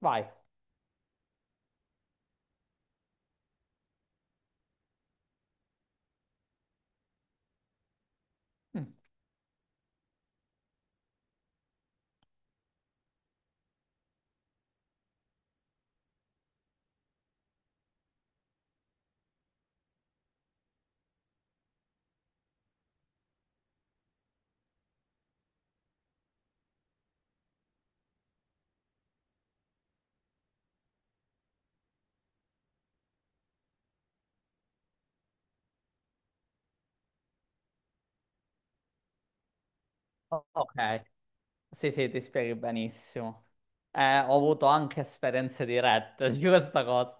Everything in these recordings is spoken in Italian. Vai. Mm. Ok, sì, sì, ti spieghi benissimo. Ho avuto anche esperienze dirette di questa cosa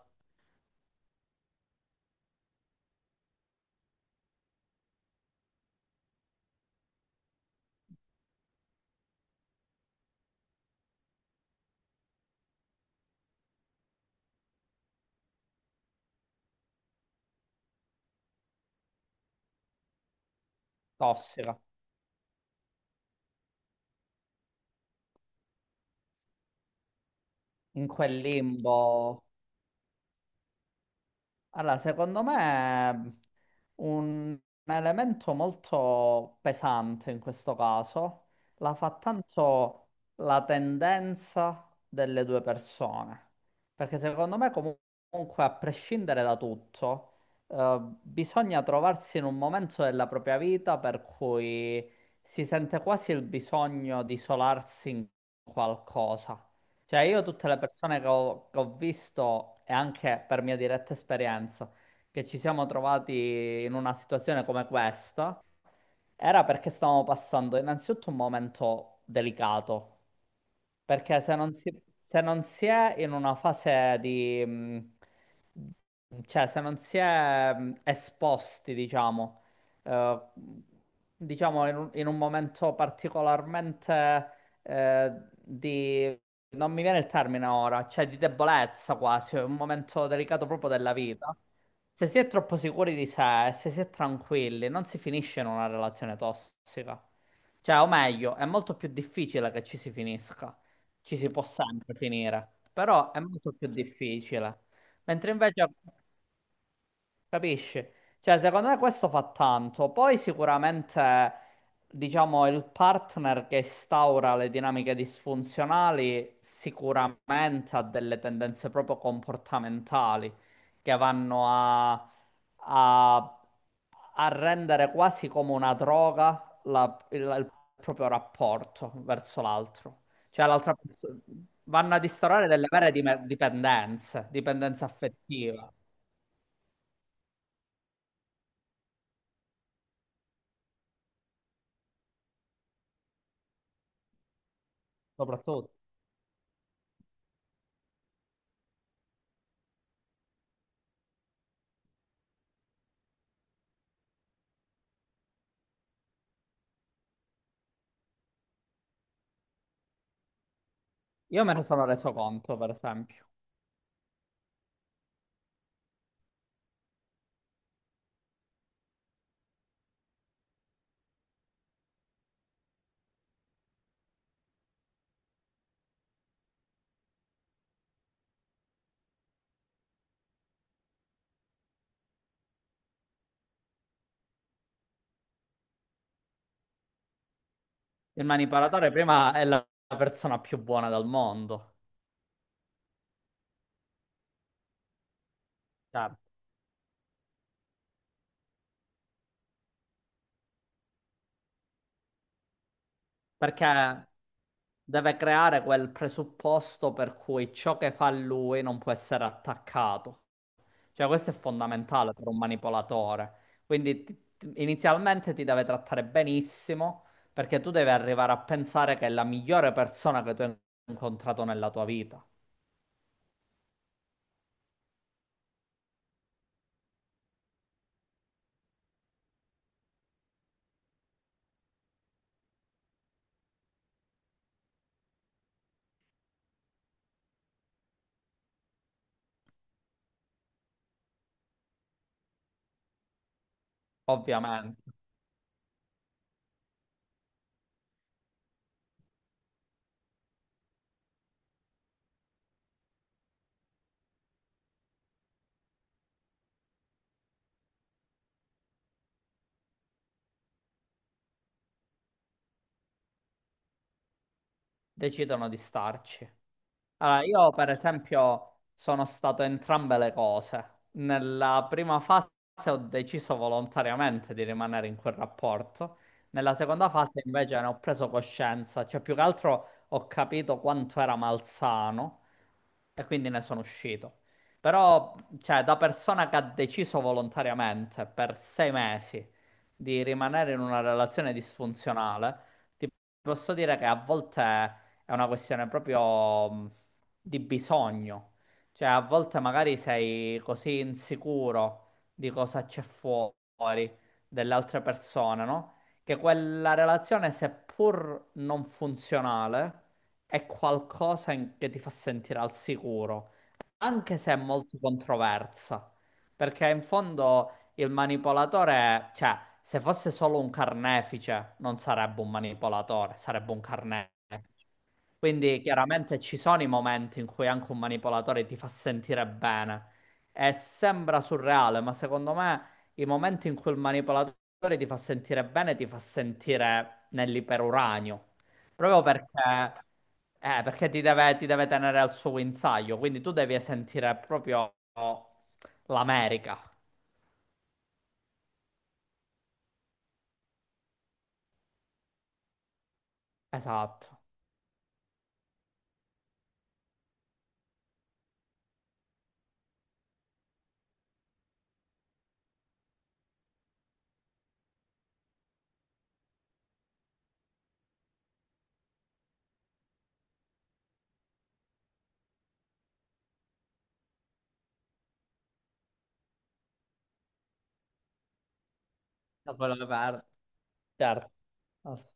tossica, in quel limbo. Allora, secondo me un elemento molto pesante in questo caso la fa tanto la tendenza delle due persone, perché secondo me comunque a prescindere da tutto, bisogna trovarsi in un momento della propria vita per cui si sente quasi il bisogno di isolarsi in qualcosa. Cioè, io tutte le persone che ho visto, e anche per mia diretta esperienza, che ci siamo trovati in una situazione come questa, era perché stavamo passando innanzitutto un momento delicato. Perché se non si è in una fase cioè se non si è esposti, diciamo, eh, in un momento particolarmente eh, di... non mi viene il termine ora, cioè di debolezza quasi, un momento delicato proprio della vita. Se si è troppo sicuri di sé, se si è tranquilli, non si finisce in una relazione tossica. Cioè, o meglio, è molto più difficile che ci si finisca. Ci si può sempre finire, però è molto più difficile. Mentre invece Capisci? Cioè, secondo me questo fa tanto. Poi sicuramente, diciamo, il partner che instaura le dinamiche disfunzionali sicuramente ha delle tendenze proprio comportamentali che vanno a- a rendere quasi come una droga il proprio rapporto verso l'altro. Cioè, l'altra persona. Vanno ad instaurare delle vere dipendenze, dipendenza affettiva, soprattutto. Io me ne sono reso conto, per esempio. Il manipolatore prima è la persona più buona del mondo, cioè, perché deve creare quel presupposto per cui ciò che fa lui non può essere attaccato. Cioè, questo è fondamentale per un manipolatore. Quindi inizialmente ti deve trattare benissimo, perché tu devi arrivare a pensare che è la migliore persona che tu hai incontrato nella tua vita. Ovviamente, decidono di starci. Allora, io per esempio sono stato entrambe le cose. Nella prima fase ho deciso volontariamente di rimanere in quel rapporto, nella seconda fase invece ne ho preso coscienza, cioè più che altro ho capito quanto era malsano e quindi ne sono uscito. Però, cioè, da persona che ha deciso volontariamente per 6 mesi di rimanere in una relazione disfunzionale, ti posso dire che a volte è una questione proprio di bisogno. Cioè, a volte magari sei così insicuro di cosa c'è fuori dell'altra persona, no? Che quella relazione, seppur non funzionale, è qualcosa che ti fa sentire al sicuro, anche se è molto controversa. Perché in fondo il manipolatore, cioè, se fosse solo un carnefice, non sarebbe un manipolatore, sarebbe un carnefice. Quindi chiaramente ci sono i momenti in cui anche un manipolatore ti fa sentire bene e sembra surreale, ma secondo me i momenti in cui il manipolatore ti fa sentire bene ti fa sentire nell'iperuranio, proprio perché ti deve tenere al suo guinzaglio, quindi tu devi sentire proprio l'America. Esatto. Da quello che per- Certo. ass-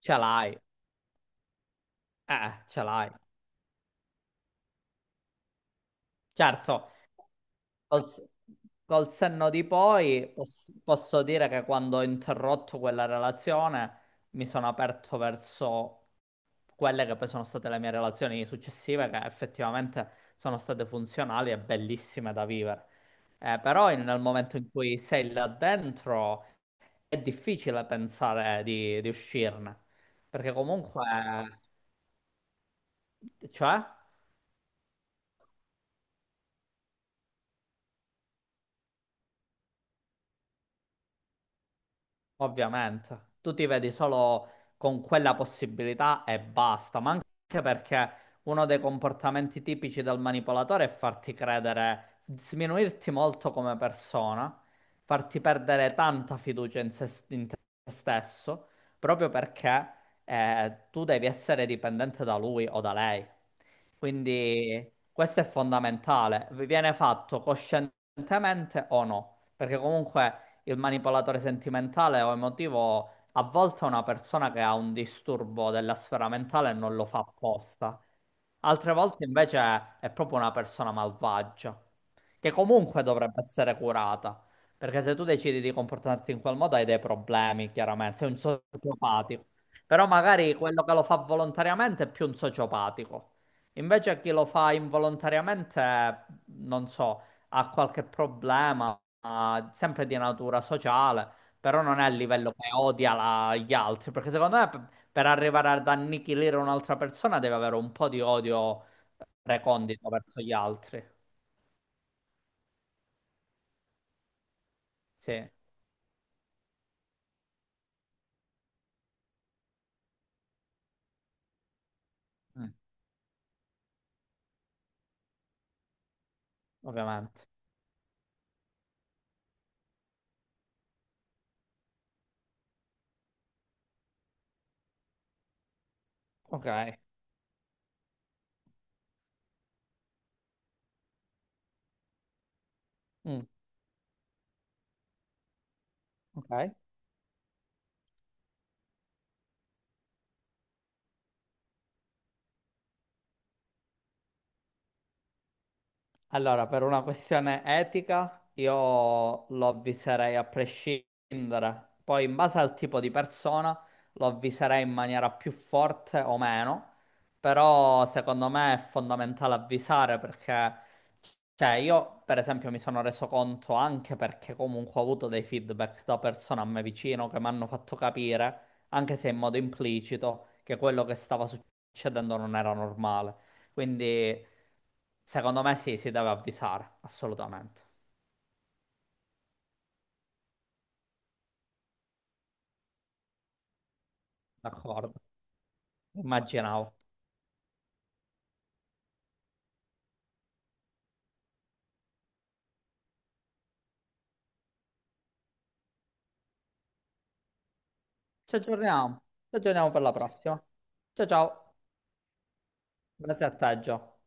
ce l'hai, eh, ce l'hai, certo. Col, s- col senno di poi posso dire che quando ho interrotto quella relazione mi sono aperto verso quelle che poi sono state le mie relazioni successive, che effettivamente sono state funzionali e bellissime da vivere. Però nel momento in cui sei là dentro è difficile pensare di uscirne, perché comunque, cioè? Ovviamente, tu ti vedi solo con quella possibilità e basta, ma anche perché uno dei comportamenti tipici del manipolatore è farti credere, sminuirti molto come persona, farti perdere tanta fiducia in, se, in te stesso, proprio perché tu devi essere dipendente da lui o da lei. Quindi questo è fondamentale, vi viene fatto coscientemente o no, perché comunque il manipolatore sentimentale o emotivo a volte è una persona che ha un disturbo della sfera mentale e non lo fa apposta. Altre volte invece è proprio una persona malvagia, che comunque dovrebbe essere curata, perché se tu decidi di comportarti in quel modo hai dei problemi, chiaramente, sei un sociopatico. Però magari quello che lo fa volontariamente è più un sociopatico. Invece chi lo fa involontariamente, non so, ha qualche problema, ma sempre di natura sociale, però non è a livello che odia gli altri, perché secondo me per arrivare ad annichilire un'altra persona deve avere un po' di odio recondito verso gli altri. Sì. Mm. Ovviamente. Ok. Mm, ok. Allora, per una questione etica, io lo avviserei a prescindere. Poi, in base al tipo di persona, lo avviserei in maniera più forte o meno. Però, secondo me, è fondamentale avvisare perché, cioè, io, per esempio, mi sono reso conto anche perché comunque ho avuto dei feedback da persone a me vicino che mi hanno fatto capire, anche se in modo implicito, che quello che stava succedendo non era normale. Quindi secondo me sì, si deve avvisare, assolutamente. D'accordo, immaginavo. Ci aggiorniamo, ci aggiorniamo per la prossima. Ciao ciao, grazie a te, Gio.